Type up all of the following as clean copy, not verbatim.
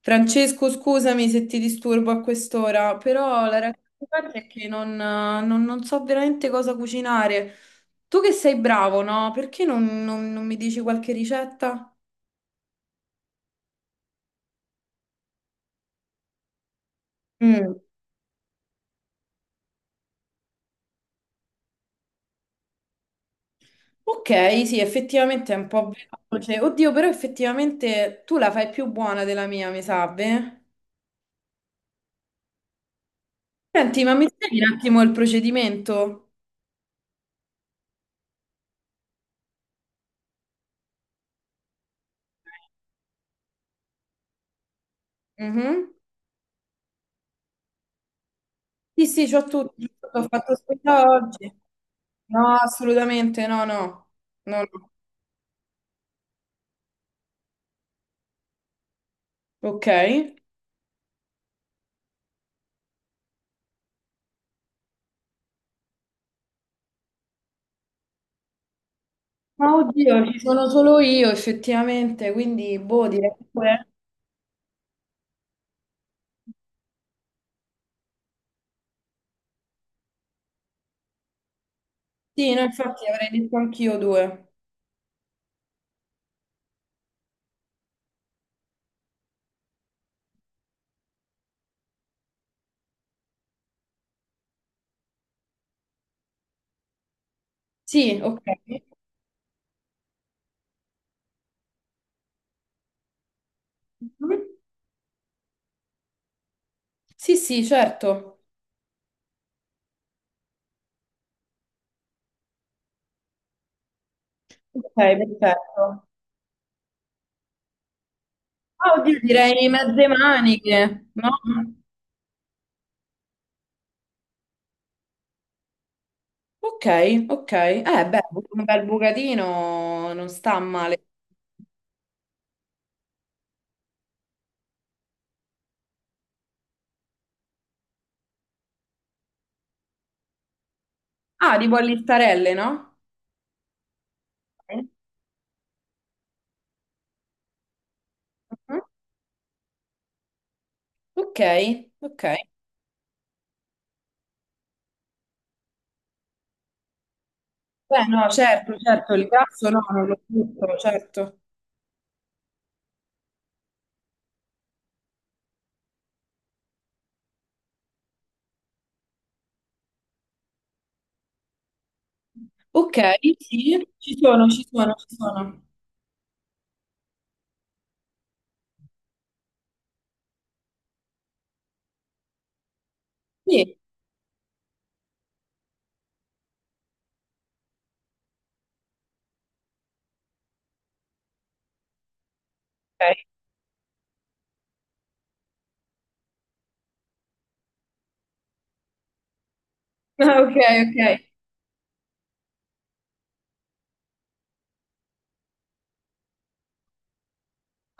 Francesco, scusami se ti disturbo a quest'ora, però la realtà dei fatti è che non so veramente cosa cucinare. Tu che sei bravo, no? Perché non mi dici qualche ricetta? Mm. Ok, sì, effettivamente è un po' veloce. Oddio, però effettivamente tu la fai più buona della mia, mi sa, beh? Senti, ma mi spieghi un attimo il procedimento? Mhm. Sì, sì, c'ho tutto, l'ho fatto spesa oggi. No, assolutamente, no, no. No, no. Ok. Ma oddio, ci sono solo io effettivamente, quindi boh, direi due. Sì, no, infatti avrei detto anch'io due. Sì, ok. Mhm. Sì, sì, certo. Ok, perfetto. Ah, oddio, direi mezze maniche, no? Ok, ok. Beh, un bel bucatino non sta male. Ah, tipo a listarelle, no? Mhm. Ok, ok. Beh, no, certo, certo, il grasso no, non lo butto, certo. Ok, sì, ci sono, ci sono, ci sono. Sì, ok. Ah, ok, ok.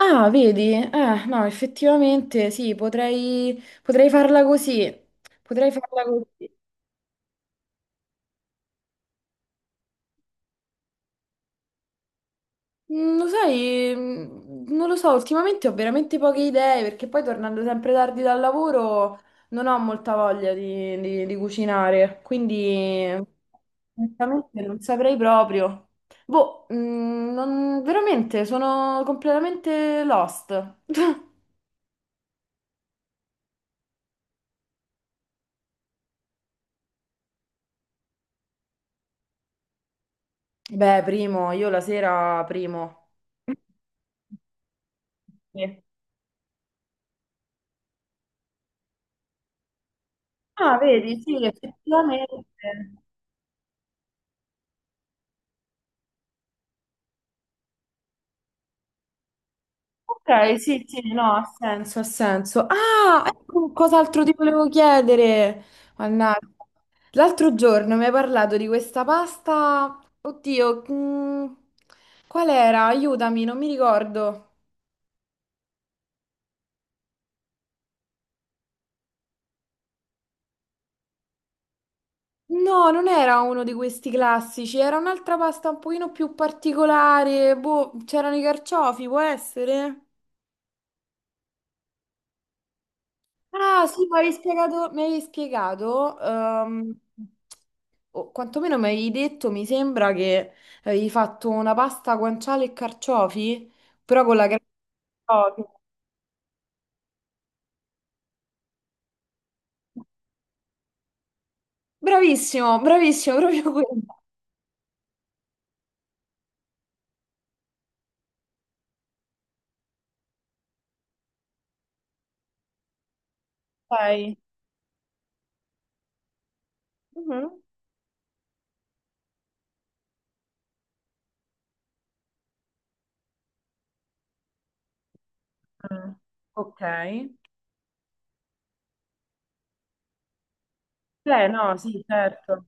Ah, vedi? No, effettivamente sì, potrei, potrei farla così. Potrei farla così. Mm, lo sai, mm, non lo so, ultimamente ho veramente poche idee perché poi tornando sempre tardi dal lavoro non ho molta voglia di, di cucinare, quindi onestamente non saprei proprio. Boh, mm, veramente sono completamente lost. Beh, primo, io la sera primo. Sì. Ah, vedi, sì, effettivamente. Ok, sì, sì, no, ha senso, ha senso. Ah, ecco cos'altro ti volevo chiedere. Mannaggia. L'altro giorno mi hai parlato di questa pasta. Oddio, mm, qual era? Aiutami, non mi ricordo. No, non era uno di questi classici, era un'altra pasta un pochino più particolare. Boh, c'erano i carciofi, può essere? Ah, sì, mi avevi spiegato, o quantomeno mi avevi detto, mi sembra che avevi fatto una pasta guanciale e carciofi, però con la crema di ciofi. Bravissimo, bravissimo, proprio quella. Dai. Mhm. Mm, ok. Beh, no, sì, certo.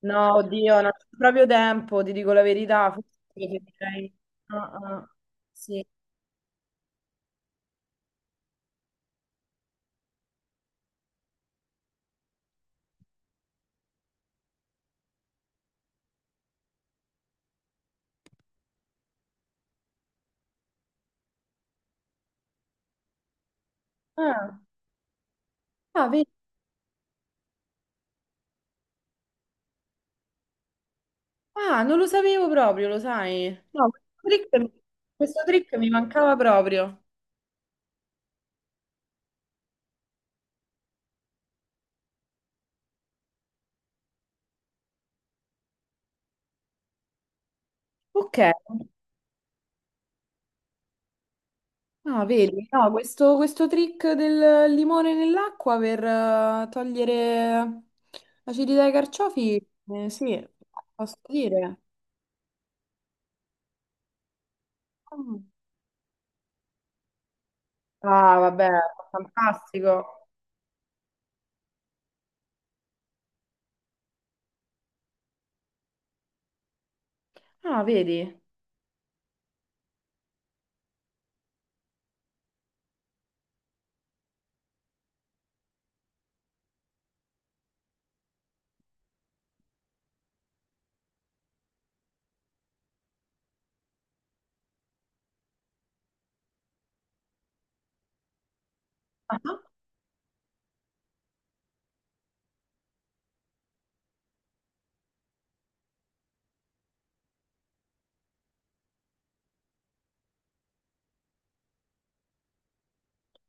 No, oddio, non c'è proprio tempo, ti dico la verità, forse preferirei... Ah, ah, sì. Ah, ah, vedi? Ah, non lo sapevo proprio, lo sai. No, trick, questo trick mi mancava proprio. Ok. Ah, vedi, no, questo trick del limone nell'acqua per togliere l'acidità ai carciofi, sì, posso dire. Mm. Ah, vabbè, fantastico. Ah, vedi. Ah,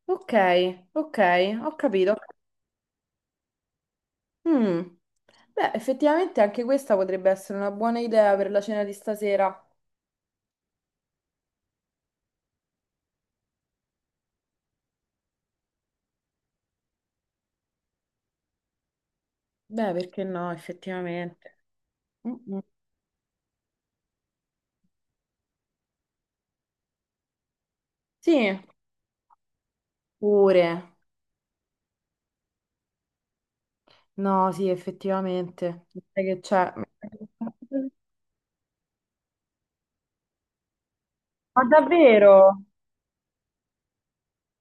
ok, ok, ho capito. Mm. Beh, effettivamente anche questa potrebbe essere una buona idea per la cena di stasera. Beh, perché no, effettivamente. Mm, mm. Sì, pure. No, sì, effettivamente. Sai che c'è? Ma davvero?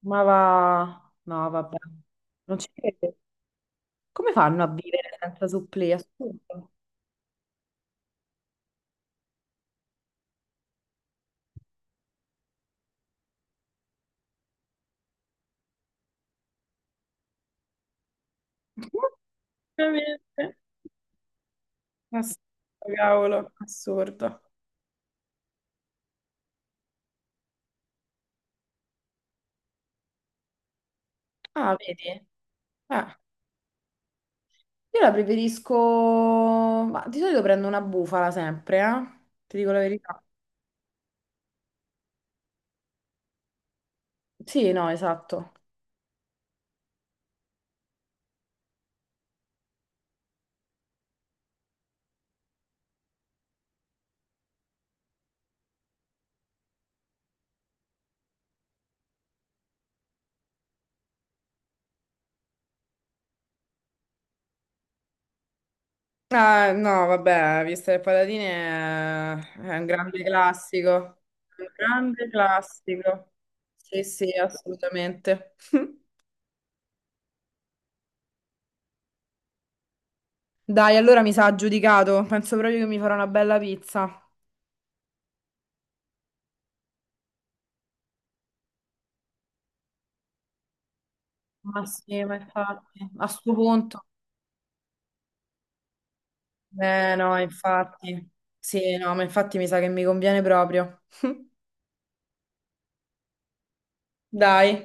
Ma va... No, vabbè. Non ci credo. Come fanno a vivere senza supplì? Assurdo. Veramente. Assurdo, cavolo, assurdo. Ah, vedi? Eh, io la preferisco... Ma di solito prendo una bufala sempre, eh? Ti dico la verità. Sì, no, esatto. Ah, no, vabbè, vista le patatine è un grande classico. Un grande classico. Sì, sì, assolutamente. Dai, allora mi sa giudicato. Penso proprio che mi farò una bella pizza. Ma sì, ma infatti, a sto punto. Eh no, infatti. Sì, no, ma infatti mi sa che mi conviene proprio. Dai.